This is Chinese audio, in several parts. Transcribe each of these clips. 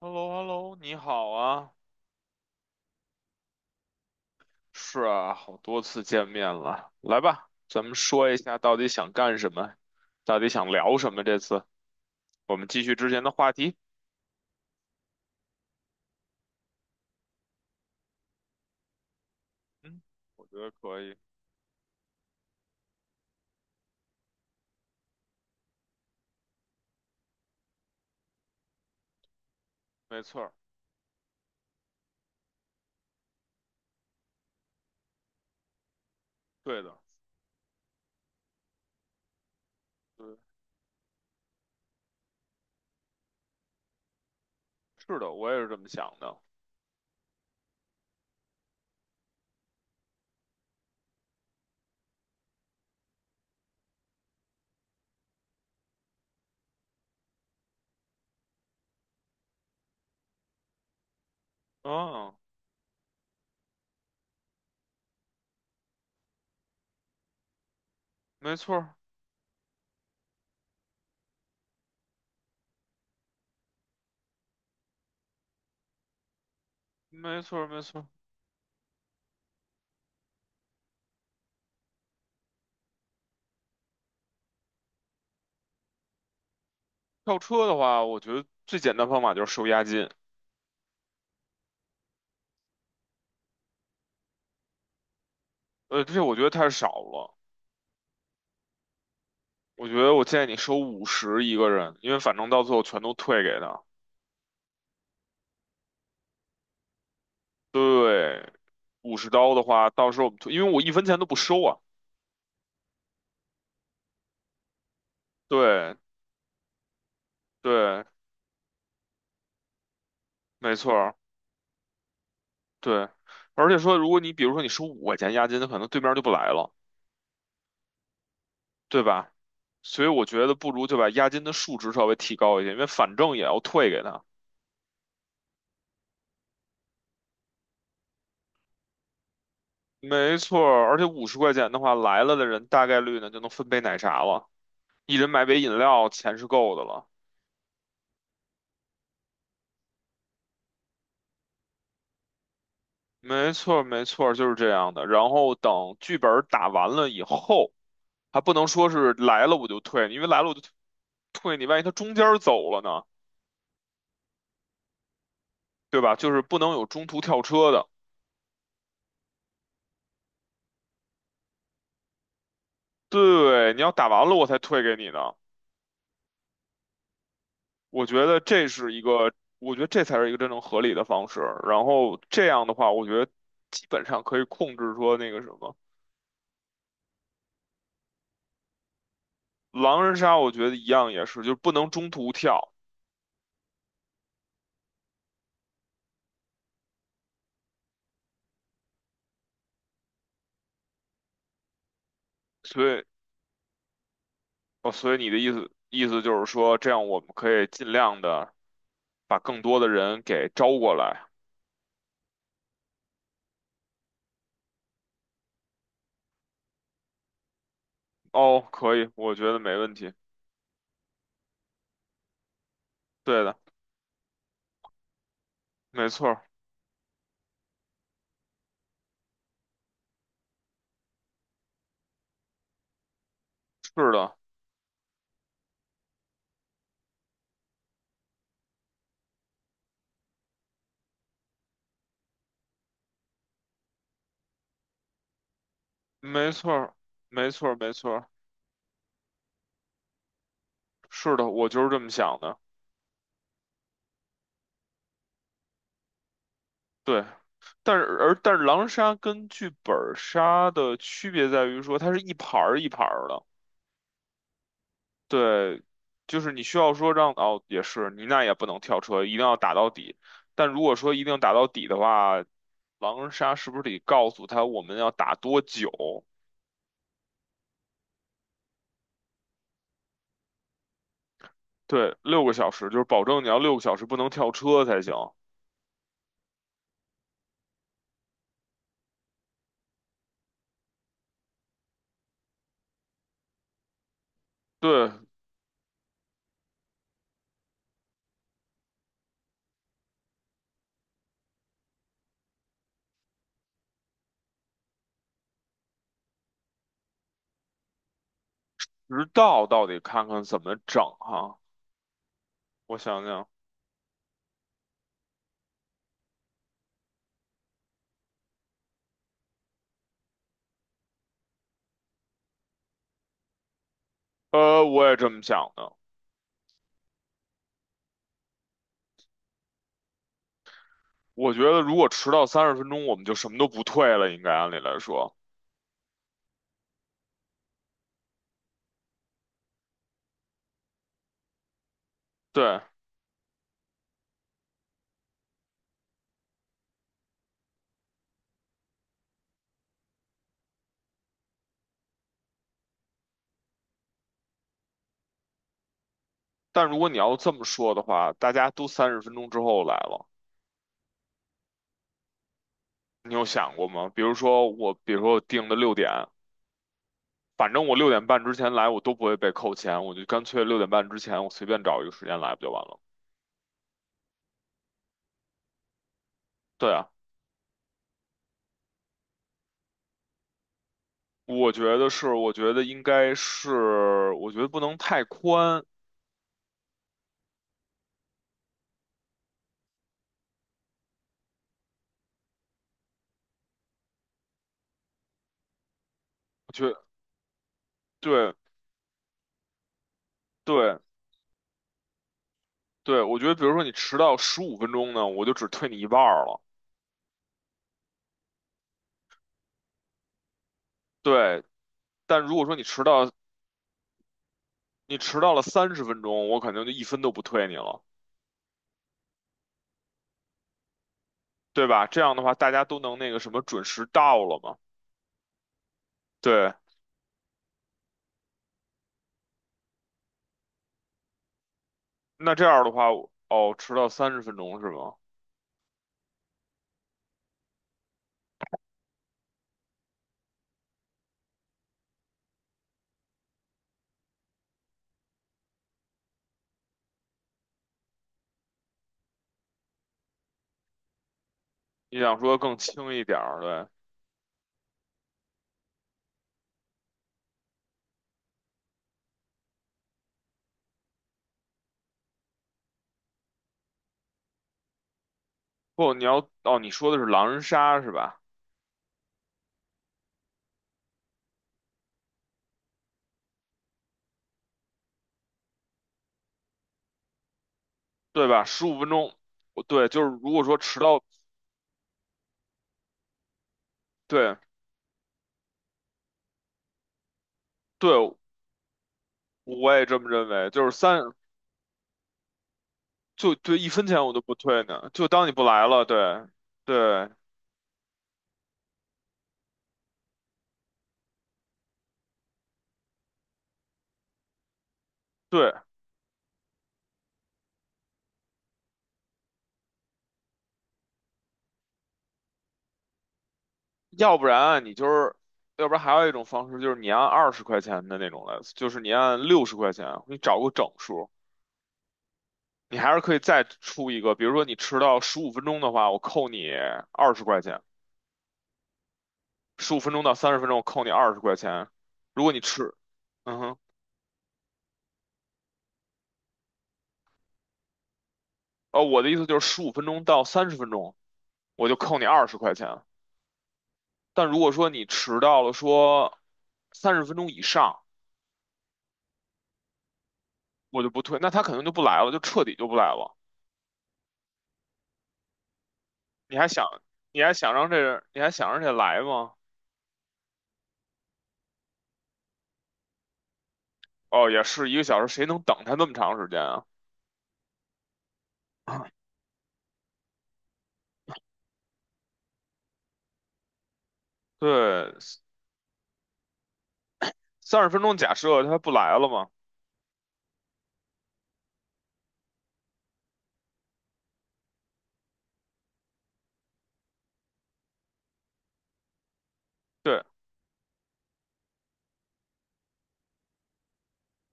h e l l o h e l l o 你好啊，是啊，好多次见面了，来吧，咱们说一下到底想干什么，到底想聊什么？这次我们继续之前的话题。嗯，我觉得可以，没错儿，对的，对，是的，我也是这么想的。嗯，没错儿，没错儿，没错儿。跳车的话，我觉得最简单方法就是收押金，这我觉得太少了，我觉得我建议你收五十一个人，因为反正到最后全都退给他。对，50刀的话，到时候我们退，因为我一分钱都不收啊。对对，没错儿，对。而且说，如果你比如说你收5块钱押金，可能对面就不来了，对吧？所以我觉得不如就把押金的数值稍微提高一点，因为反正也要退给他。没错儿，而且50块钱的话，来了的人大概率呢就能分杯奶茶了，一人买杯饮料，钱是够的了。没错儿，没错儿，就是这样的。然后等剧本儿打完了以后。还不能说是来了我就退，因为来了我就退，你万一他中间儿走了呢，对吧？就是不能有中途跳车的。对，你要打完了我才退给你呢。我觉得这是一个，我觉得这才是一个真正合理的方式。然后这样的话，我觉得基本上可以控制说那个什么狼人杀，我觉得一样也是，就是不能中途跳。所以，哦，所以你的意思就是说，这样我们可以尽量的把更多的人给招过来。哦，可以，我觉得没问题。对的，没错儿，是的，没错儿，没错儿，没错儿，是的，我就是这么想的。对，但是狼杀跟剧本杀的区别在于说，它是一盘儿一盘儿的。对，就是你需要说让哦，也是你那也不能跳车，一定要打到底。但如果说一定要打到底的话，狼人杀是不是得告诉他我们要打多久？对，六个小时，就是保证你要六个小时不能跳车才行。对，直到到底看看怎么整哈。我想想，我也这么想的。我觉得如果迟到三十分钟，我们就什么都不退了，应该按理来说。对，但如果你要这么说的话，大家都三十分钟之后来了，你有想过吗？比如说我，比如说我定的六点，反正我六点半之前来，我都不会被扣钱，我就干脆六点半之前，我随便找一个时间来不就完了？对啊，我觉得是，我觉得应该是，我觉得不能太宽，我觉得对。对，对，我觉得比如说你迟到十五分钟呢，我就只退你一半儿了。对，但如果说你迟到，你迟到了三十分钟，我肯定就一分都不退你了，对吧？这样的话，大家都能那个什么准时到了嘛。对，那这样的话，哦，迟到三十分钟是吗？你想说更轻一点儿对。不，你要，哦，你说的是狼人杀是吧？对吧？十五分钟，我对，就是如果说迟到，对对，我也这么认为，就是三就对，一分钱我都不退呢，就当你不来了，对，对，对，要不然你就是，要不然还有一种方式就是你按二十块钱的那种来，就是你按60块钱，你找个整数，你还是可以再出一个，比如说你迟到十五分钟的话，我扣你二十块钱，十五分钟到三十分钟我扣你二十块钱，如果你迟，嗯哼，哦，我的意思就是十五分钟到三十分钟我就扣你二十块钱，但如果说你迟到了说三十分钟以上。我就不退，那他肯定就不来了，就彻底就不来了。你还想，你还想让这，人，你还想让这来吗？哦，也是一个小时，谁能等他那么长时间啊？对，30分钟假设他不来了嘛？对，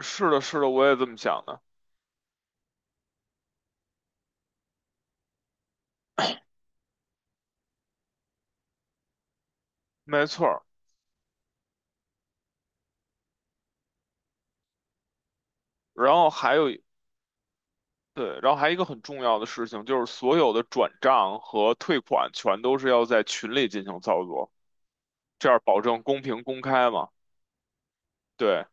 是的，是的，我也这么想的，没错儿。然后还有一对，然后还有一个很重要的事情就是，所有的转账和退款全都是要在群里进行操作，这样保证公平公开嘛？对，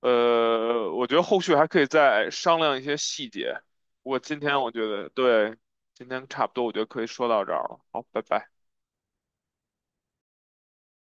我觉得后续还可以再商量一些细节。我觉得，对，今天差不多，我觉得可以说到这儿了。好，拜拜。